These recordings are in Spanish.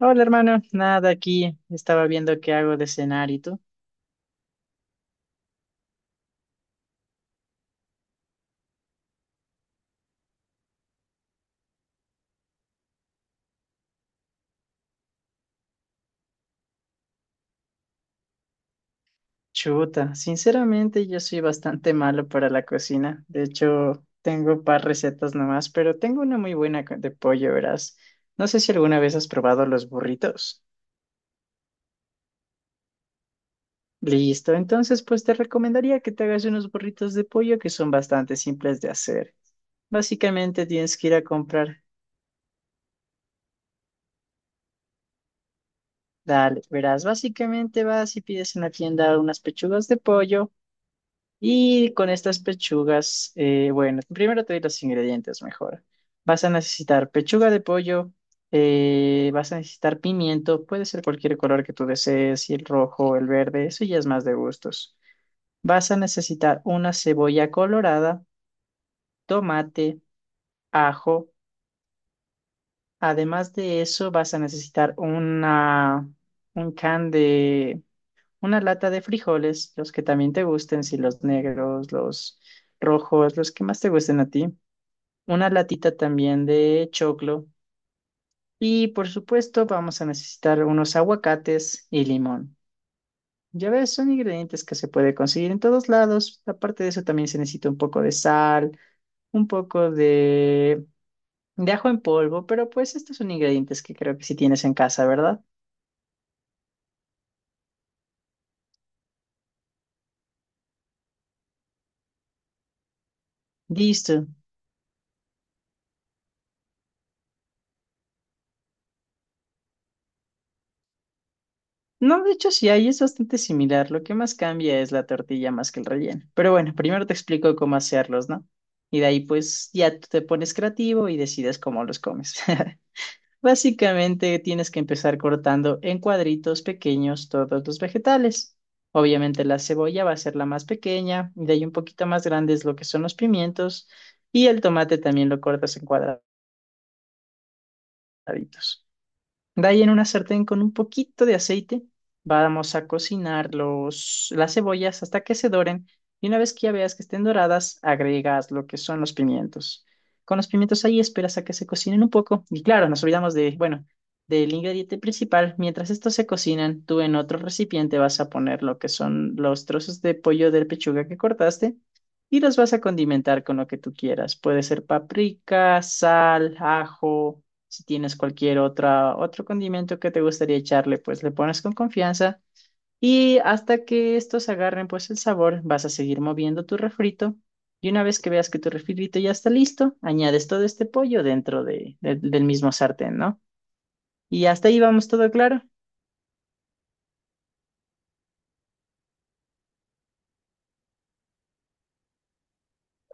Hola hermano, nada aquí, estaba viendo qué hago de cenar y tú. Chuta, sinceramente yo soy bastante malo para la cocina. De hecho, tengo un par recetas nomás, pero tengo una muy buena de pollo, verás. No sé si alguna vez has probado los burritos. Listo, entonces pues te recomendaría que te hagas unos burritos de pollo que son bastante simples de hacer. Básicamente tienes que ir a comprar. Dale, verás, básicamente vas y pides en la tienda unas pechugas de pollo. Y con estas pechugas, bueno, primero te doy los ingredientes mejor. Vas a necesitar pechuga de pollo, vas a necesitar pimiento, puede ser cualquier color que tú desees, y el rojo, el verde, eso ya es más de gustos. Vas a necesitar una cebolla colorada, tomate, ajo. Además de eso, vas a necesitar un una lata de frijoles, los que también te gusten, si los negros, los rojos, los que más te gusten a ti. Una latita también de choclo y por supuesto vamos a necesitar unos aguacates y limón. Ya ves, son ingredientes que se puede conseguir en todos lados. Aparte de eso también se necesita un poco de sal, un poco de ajo en polvo, pero pues estos son ingredientes que creo que sí tienes en casa, ¿verdad? Listo. No, de hecho sí hay, es bastante similar. Lo que más cambia es la tortilla más que el relleno. Pero bueno, primero te explico cómo hacerlos, ¿no? Y de ahí pues ya tú te pones creativo y decides cómo los comes. Básicamente tienes que empezar cortando en cuadritos pequeños todos los vegetales. Obviamente la cebolla va a ser la más pequeña, y de ahí un poquito más grandes lo que son los pimientos y el tomate también lo cortas en cuadraditos. De ahí en una sartén con un poquito de aceite, vamos a cocinar las cebollas hasta que se doren y una vez que ya veas que estén doradas, agregas lo que son los pimientos. Con los pimientos ahí esperas a que se cocinen un poco y claro, nos olvidamos de, bueno, del ingrediente principal. Mientras estos se cocinan, tú en otro recipiente vas a poner lo que son los trozos de pollo de pechuga que cortaste y los vas a condimentar con lo que tú quieras. Puede ser paprika, sal, ajo. Si tienes cualquier otra, otro condimento que te gustaría echarle, pues le pones con confianza y hasta que estos agarren pues el sabor, vas a seguir moviendo tu refrito y una vez que veas que tu refrito ya está listo, añades todo este pollo dentro del mismo sartén, ¿no? Y hasta ahí vamos todo claro.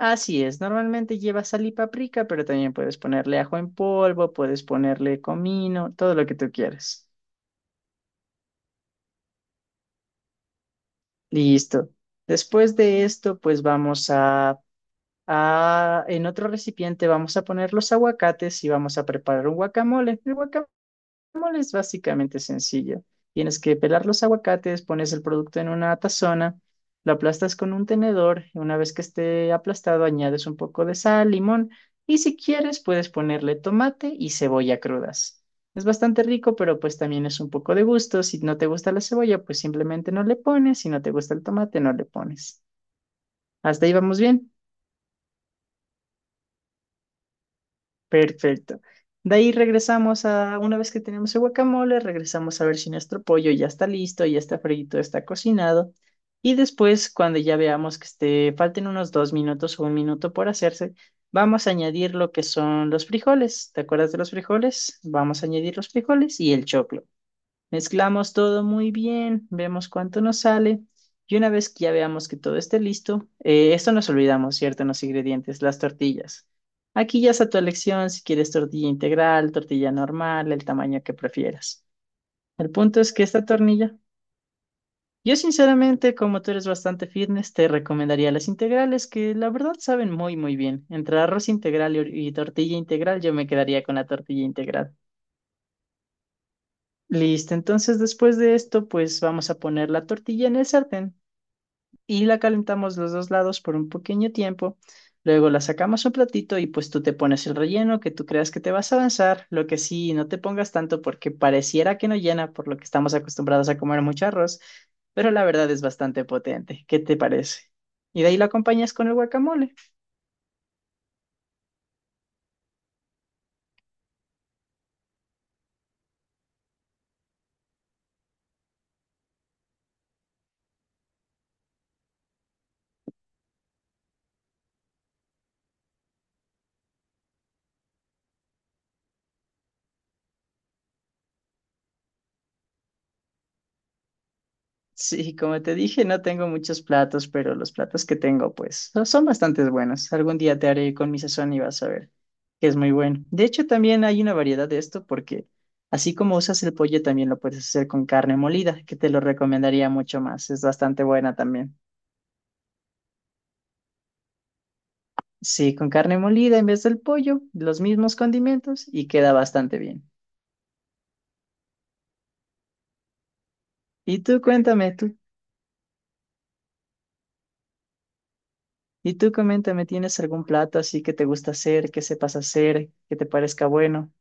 Así es, normalmente lleva sal y paprika, pero también puedes ponerle ajo en polvo, puedes ponerle comino, todo lo que tú quieras. Listo. Después de esto, pues vamos a... Ah, en otro recipiente vamos a poner los aguacates y vamos a preparar un guacamole. El guacamole es básicamente sencillo. Tienes que pelar los aguacates, pones el producto en una tazona, lo aplastas con un tenedor y una vez que esté aplastado añades un poco de sal, limón y si quieres puedes ponerle tomate y cebolla crudas. Es bastante rico, pero pues también es un poco de gusto. Si no te gusta la cebolla, pues simplemente no le pones. Si no te gusta el tomate, no le pones. Hasta ahí vamos bien. Perfecto. De ahí regresamos a, una vez que tenemos el guacamole, regresamos a ver si nuestro pollo ya está listo, ya está frito, está cocinado. Y después, cuando ya veamos que esté, falten unos dos minutos o un minuto por hacerse, vamos a añadir lo que son los frijoles. ¿Te acuerdas de los frijoles? Vamos a añadir los frijoles y el choclo. Mezclamos todo muy bien, vemos cuánto nos sale y una vez que ya veamos que todo esté listo, esto nos olvidamos, ¿cierto? En los ingredientes, las tortillas. Aquí ya es a tu elección si quieres tortilla integral, tortilla normal, el tamaño que prefieras. El punto es que esta tortilla... Yo sinceramente, como tú eres bastante fitness, te recomendaría las integrales que la verdad saben muy, muy bien. Entre arroz integral y tortilla integral, yo me quedaría con la tortilla integral. Listo, entonces después de esto, pues vamos a poner la tortilla en el sartén y la calentamos los dos lados por un pequeño tiempo. Luego la sacamos a un platito y pues tú te pones el relleno que tú creas que te vas a avanzar. Lo que sí, no te pongas tanto porque pareciera que no llena por lo que estamos acostumbrados a comer mucho arroz, pero la verdad es bastante potente. ¿Qué te parece? Y de ahí la acompañas con el guacamole. Sí, como te dije, no tengo muchos platos, pero los platos que tengo, pues, son bastante buenos. Algún día te haré con mi sazón y vas a ver que es muy bueno. De hecho, también hay una variedad de esto porque así como usas el pollo, también lo puedes hacer con carne molida, que te lo recomendaría mucho más. Es bastante buena también. Sí, con carne molida en vez del pollo, los mismos condimentos y queda bastante bien. Y tú cuéntame, y tú coméntame, ¿tienes algún plato así que te gusta hacer, que sepas hacer, que te parezca bueno?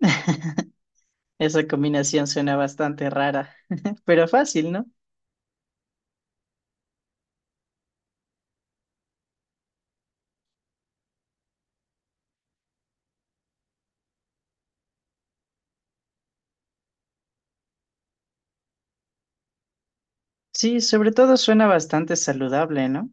Esa combinación suena bastante rara, pero fácil, ¿no? Sí, sobre todo suena bastante saludable, ¿no?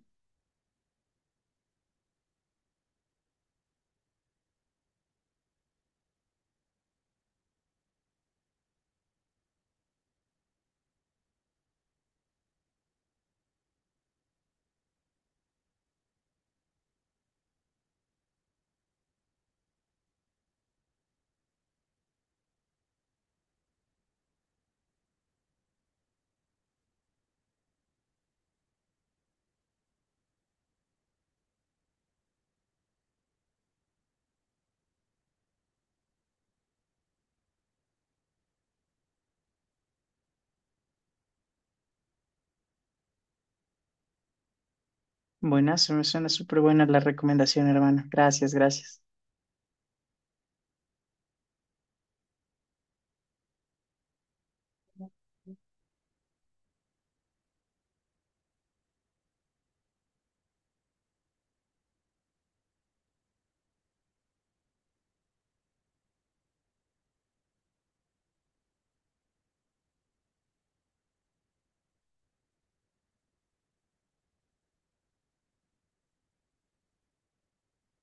Buenazo, me suena súper buena la recomendación, hermano. Gracias, gracias.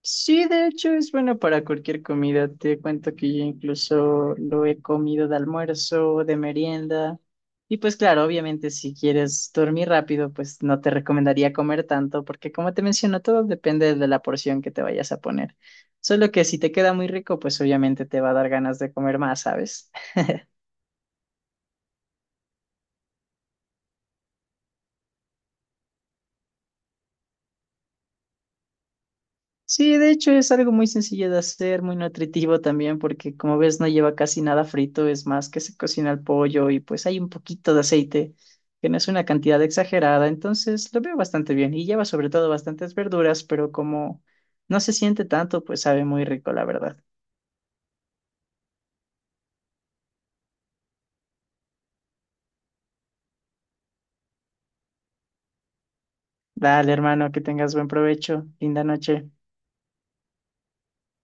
Sí, de hecho es bueno para cualquier comida. Te cuento que yo incluso lo he comido de almuerzo, de merienda. Y pues claro, obviamente si quieres dormir rápido, pues no te recomendaría comer tanto, porque como te menciono, todo depende de la porción que te vayas a poner. Solo que si te queda muy rico, pues obviamente te va a dar ganas de comer más, ¿sabes? Sí, de hecho es algo muy sencillo de hacer, muy nutritivo también, porque como ves no lleva casi nada frito, es más que se cocina el pollo y pues hay un poquito de aceite, que no es una cantidad exagerada, entonces lo veo bastante bien y lleva sobre todo bastantes verduras, pero como no se siente tanto, pues sabe muy rico, la verdad. Dale, hermano, que tengas buen provecho, linda noche.